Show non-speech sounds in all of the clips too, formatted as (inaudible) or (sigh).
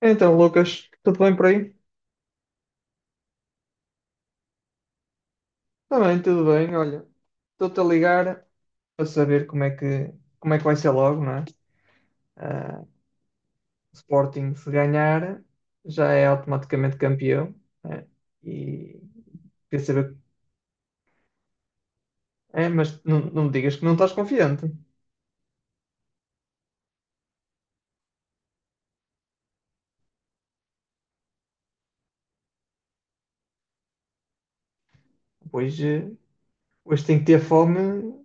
Então, Lucas, tudo bem por aí? Também, tudo bem. Olha, estou-te a ligar para saber como é que vai ser logo, não é? Ah, o Sporting, se ganhar, já é automaticamente campeão, né? E quer saber. É, mas não me digas que não estás confiante. Hoje, hoje tem que ter fome,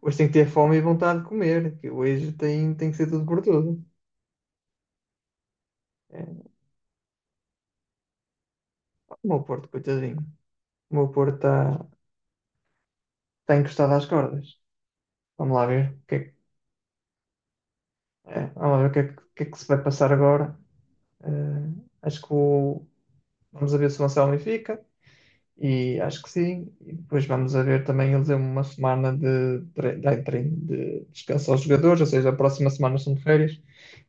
hoje tem que ter fome e vontade de comer, que hoje tem, tem que ser tudo por tudo. É, o meu Porto, coitadinho. O meu Porto está encostado às cordas. Vamos lá ver o que é. É, vamos ver o que é que, o que é que se vai passar agora. Eh, acho que vamos a ver se o Anselmo fica, e acho que sim. E depois vamos a ver também, eles deu uma semana de, de treino, de descanso aos jogadores, ou seja, a próxima semana são de férias,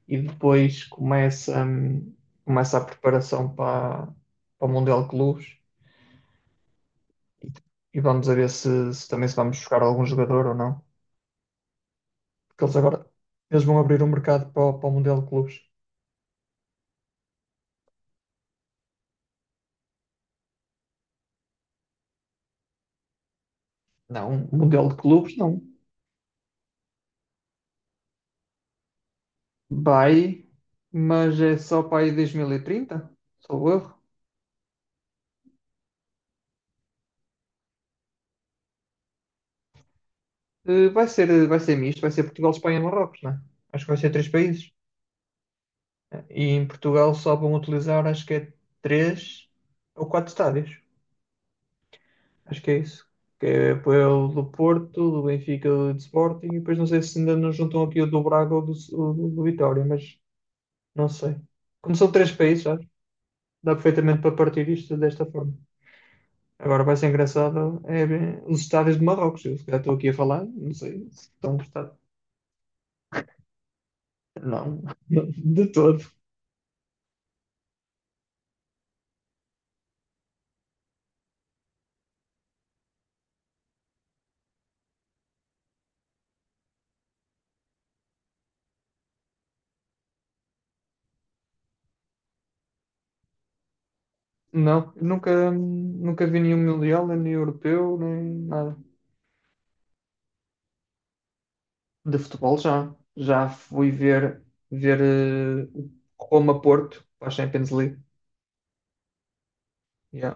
e depois começa, começa a preparação para, para o Mundial de Clubes, e, e vamos a ver se, se também se vamos buscar algum jogador ou não, porque eles agora eles vão abrir um mercado para, para o Mundial de Clubes. Não, um Mundial de Clubes não. Vai, mas é só para aí 2030, sou erro. Vai ser misto, vai ser Portugal, Espanha e Marrocos, né? Acho que vai ser três países. E em Portugal só vão utilizar, acho que é três ou quatro estádios. Acho que é isso. Que é o do Porto, do Benfica, do Sporting, e depois não sei se ainda nos juntam aqui o do Braga ou do, do Vitória, mas não sei. Como são três países, sabe? Dá perfeitamente para partir isto desta forma. Agora vai ser engraçado é ver os estádios de Marrocos. Eu se calhar estou aqui a falar, não sei se estão prestados. Não, (laughs) de todo. Não, nunca vi nenhum Mundial, nem europeu, nem nada. De futebol já. Já fui ver, ver o Roma-Porto para a Champions League. Yeah.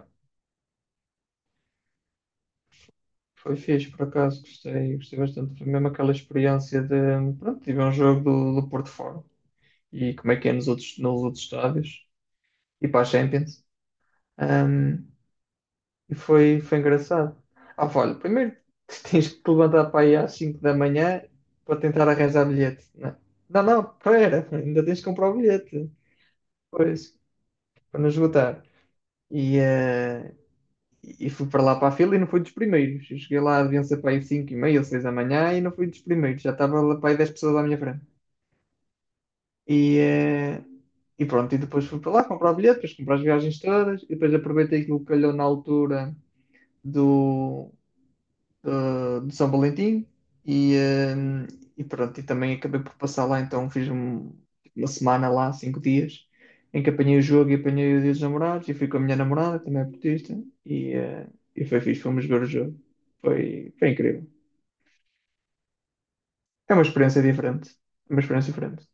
Foi fixe, por acaso, gostei, gostei bastante. Foi mesmo aquela experiência de, pronto, tive um jogo do, do Porto fora. E como é que é nos outros estádios. E para a Champions. E foi, foi engraçado. Ah, pá, olha, primeiro (laughs) tens que te levantar para aí às 5 da manhã para tentar arranjar bilhete. Não, é? Não, não, pera, ainda tens que comprar o bilhete. Pois, para não esgotar. E, eh, e fui para lá para a fila e não fui dos primeiros. Eu cheguei lá a vencer para aí 5 e meia ou 6 da manhã e não fui dos primeiros. Já estava lá para aí 10 pessoas à minha frente. E, eh, e pronto, e depois fui para lá comprar o bilhete, depois comprar as viagens todas, e depois aproveitei aquilo que calhou na altura do, de São Valentim e, hum, e pronto, e também acabei por passar lá, então fiz uma semana lá, 5 dias, em que apanhei o jogo e apanhei o dia dos namorados e fui com a minha namorada, que também é portista, e, eh, e foi fixe, fomos ver o jogo. Foi, foi incrível. É uma experiência diferente. É uma experiência diferente.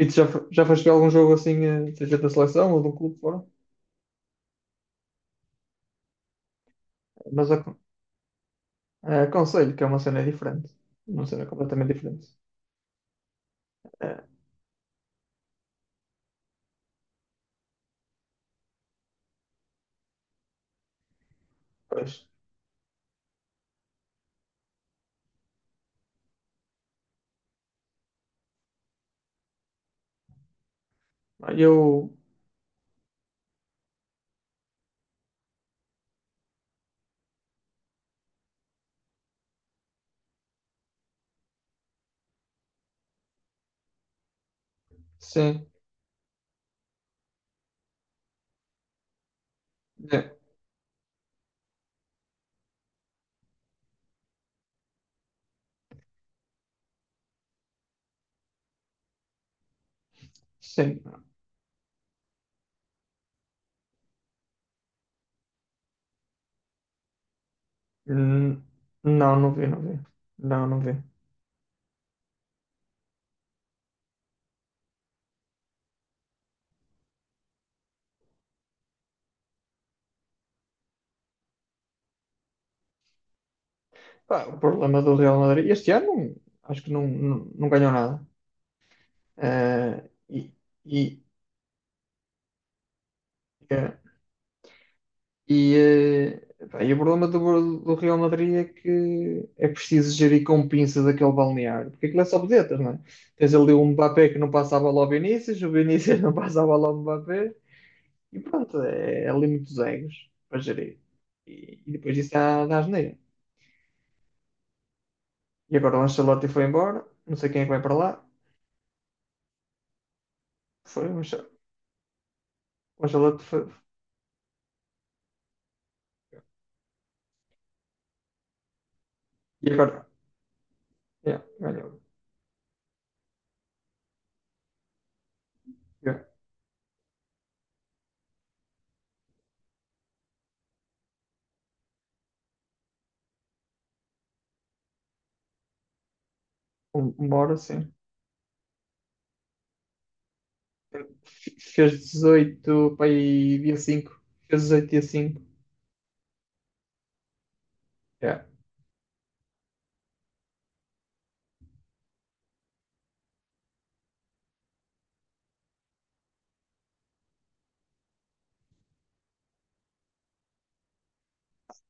E tu já, já foste ver algum jogo assim, seja da seleção ou de um clube fora? Mas aconselho que é uma cena diferente. Uma cena completamente diferente. Eh, pois. Eu, sim. É, sim. Hum, não, não vi, não vi. Não, não vi. Pá, o problema do Real Madrid. Este ano acho que não, não, não ganhou nada. Eh, e, e, eh, e, pá, e o problema do, do Real Madrid é que é preciso gerir com pinças aquele balneário. Porque aquilo é só vedetas, não é? Tens ali o Mbappé que não passa a bola ao Vinícius, o Vinícius (laughs) não passa a bola ao Mbappé. E pronto, é, é ali muitos egos para gerir. E depois disso dá, dá asneira. E agora o Ancelotti foi embora. Não sei quem é que vai para lá. Foi o Ancelotti. Foi... E agora? Yeah, ganhou. Yeah. Embora, sim. Fez 18 para aí dia 5. Fez 18 dia 5. Yeah.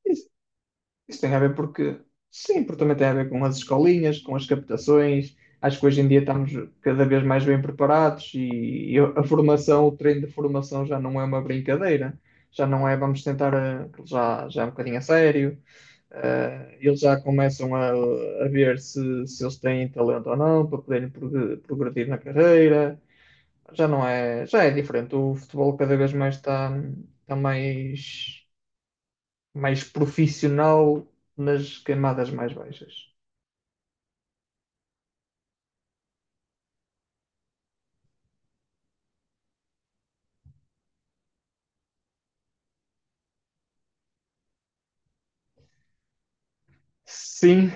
Isso, isso tem a ver porque. Sim, porque também tem a ver com as escolinhas, com as captações. Acho que hoje em dia estamos cada vez mais bem preparados e a formação, o treino de formação já não é uma brincadeira. Já não é, vamos tentar, já, já é um bocadinho a sério. Eles já começam a ver se, se eles têm talento ou não para poderem progredir na carreira. Já não é, já é diferente. O futebol cada vez mais está, está mais, mais profissional nas camadas mais baixas. Sim,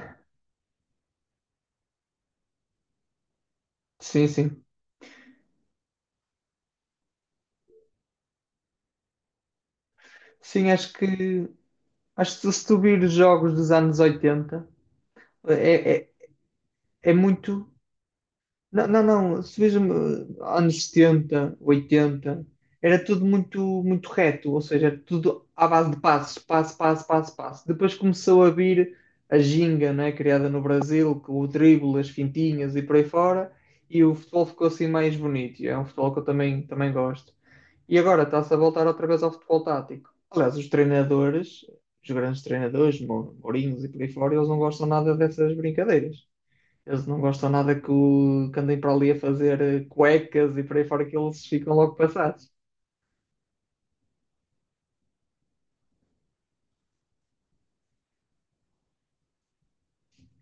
sim, sim. Sim, acho que se tu vires jogos dos anos 80, é, é, é muito. Não, não, não, se vejo anos 70, 80 era tudo muito, muito reto, ou seja, era tudo à base de passos, passo, passo, passo, passo. Depois começou a vir a ginga, não é, criada no Brasil, com o drible, as fintinhas e por aí fora, e o futebol ficou assim mais bonito. E É um futebol que eu também, também gosto. E agora está-se a voltar outra vez ao futebol tático. Aliás, os treinadores, os grandes treinadores, Mourinhos e por aí fora, eles não gostam nada dessas brincadeiras. Eles não gostam nada que, o, que andem para ali a fazer cuecas e por aí fora que eles ficam logo passados.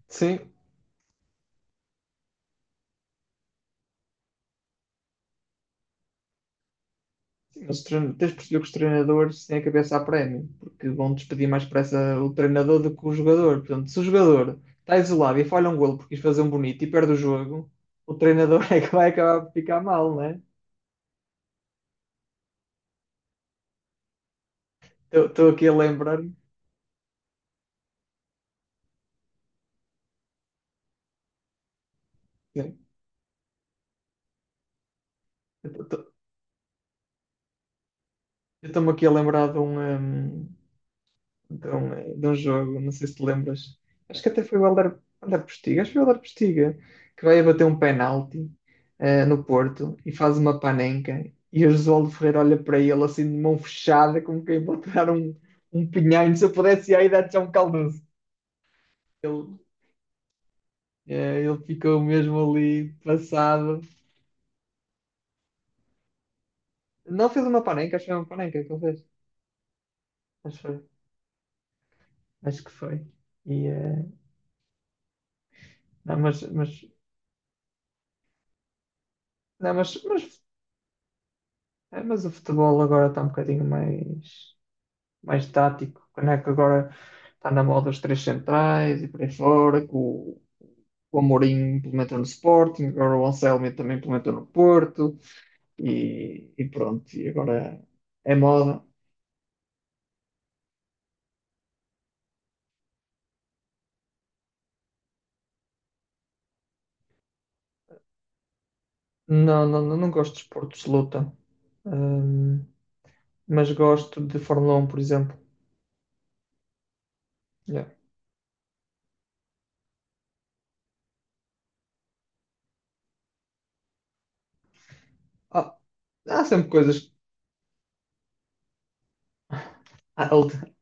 Sim, sim, os tens de perceber que os treinadores têm a cabeça a prémio, porque vão despedir mais pressa o treinador do que o jogador. Portanto, se o jogador está isolado e falha um golo porque quis fazer um bonito e perde o jogo, o treinador (laughs) é que vai acabar por ficar mal, né? Estou aqui a lembrar. Sim. Eu estou-me aqui a lembrar de um, então, é, de um jogo, não sei se te lembras. Acho que até foi o Helder, Helder Postiga, acho que foi o Helder Postiga, que vai a bater um penalti no Porto e faz uma panenca. E o Josualdo Ferreira olha para ele assim de mão fechada, como quem vai tirar um, um pinhão. Se eu pudesse ir aí, dar-te já é um caldoso. Ele, ele ficou mesmo ali passado. Não fez uma panenca, acho que foi uma panenca que ele fez. Acho que foi. Acho que foi. E, eh, não, mas, não, mas, é, mas o futebol agora está um bocadinho mais, mais tático, né? Que agora está na moda os três centrais e por aí fora, que o Amorim implementou no Sporting, agora o Anselmi também implementou no Porto e pronto, e agora é moda. Não, não, não, não gosto de esportes de luta, hum, mas gosto de Fórmula um por exemplo. Yeah. Ah, há sempre coisas. há-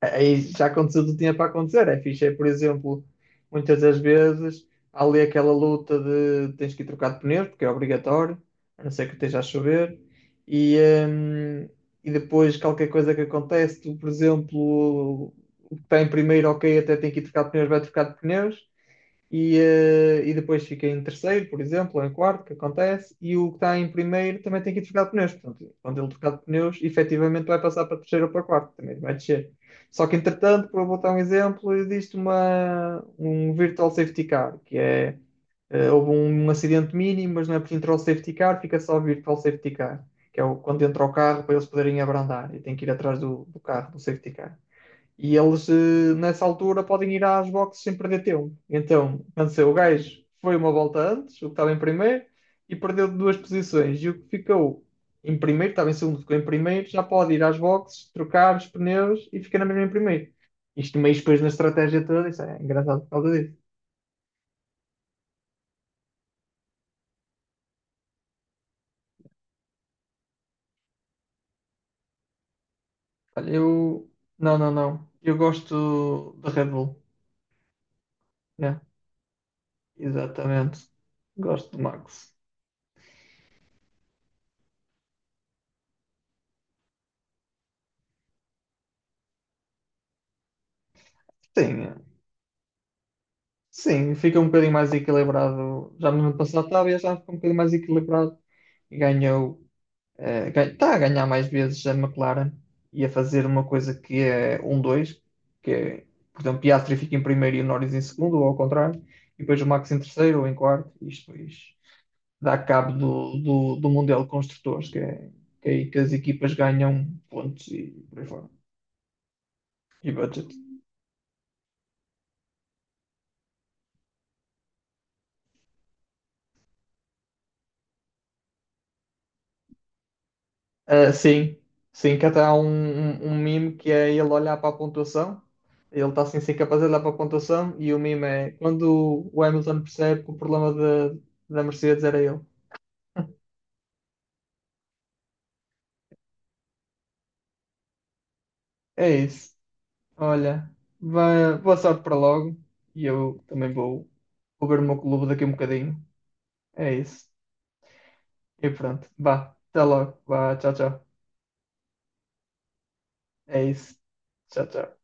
Aí já aconteceu o que tinha para acontecer. É fixe, é, por exemplo, muitas das vezes há ali aquela luta de tens que ir trocar de pneus, porque é obrigatório, a não ser que esteja a chover, e, hum, e depois qualquer coisa que acontece, tu, por exemplo, o que está em primeiro, ok, até tem que ir trocar de pneus, vai trocar de pneus, e depois fica em terceiro, por exemplo, ou em quarto, que acontece, e o que está em primeiro também tem que ir trocar de pneus. Portanto, quando ele trocar de pneus, efetivamente vai passar para terceiro ou para quarto, também vai descer. Só que, entretanto, para botar um exemplo, existe uma, um virtual safety car, que é, houve um, um acidente mínimo, mas não é por entrar o safety car, fica só o virtual safety car, que é o, quando entra o carro para eles poderem abrandar, e tem que ir atrás do, do carro, do safety car. E eles, nessa altura, podem ir às boxes sem perder tempo. Então, cansei o gajo, foi uma volta antes, o que estava em primeiro, e perdeu duas posições. E o que ficou em primeiro, estava em segundo, ficou em primeiro, já pode ir às boxes, trocar os pneus e ficar na mesma em primeiro. Isto meio depois na estratégia toda, isso é engraçado por causa disso. Olha, eu. Não, não, não. Eu gosto da Red Bull, né? Exatamente. Gosto do Max. Sim, sim, fica um bocadinho mais equilibrado. Já no ano passado estava, e já ficou um bocadinho mais equilibrado. E ganhou, está a ganhar mais vezes a McLaren e a fazer uma coisa que é um dois, que é, por exemplo, Piastri fica em primeiro e o Norris em segundo, ou ao contrário, e depois o Max em terceiro ou em quarto. E isto depois dá cabo do, do, do Mundial de Construtores, que é aí que as equipas ganham pontos e por aí fora. E budget. Ah, sim, sim, que até há um, um, um meme que é ele olhar para a pontuação, ele está assim sem capaz de olhar para a pontuação, e o meme é quando o Hamilton percebe que o problema da da Mercedes era ele. É isso, olha, boa sorte para logo, e eu também vou, vou ver o meu clube daqui a um bocadinho. É isso, e pronto, vá, até logo, vá, tchau, tchau. É isso, tchau, tchau.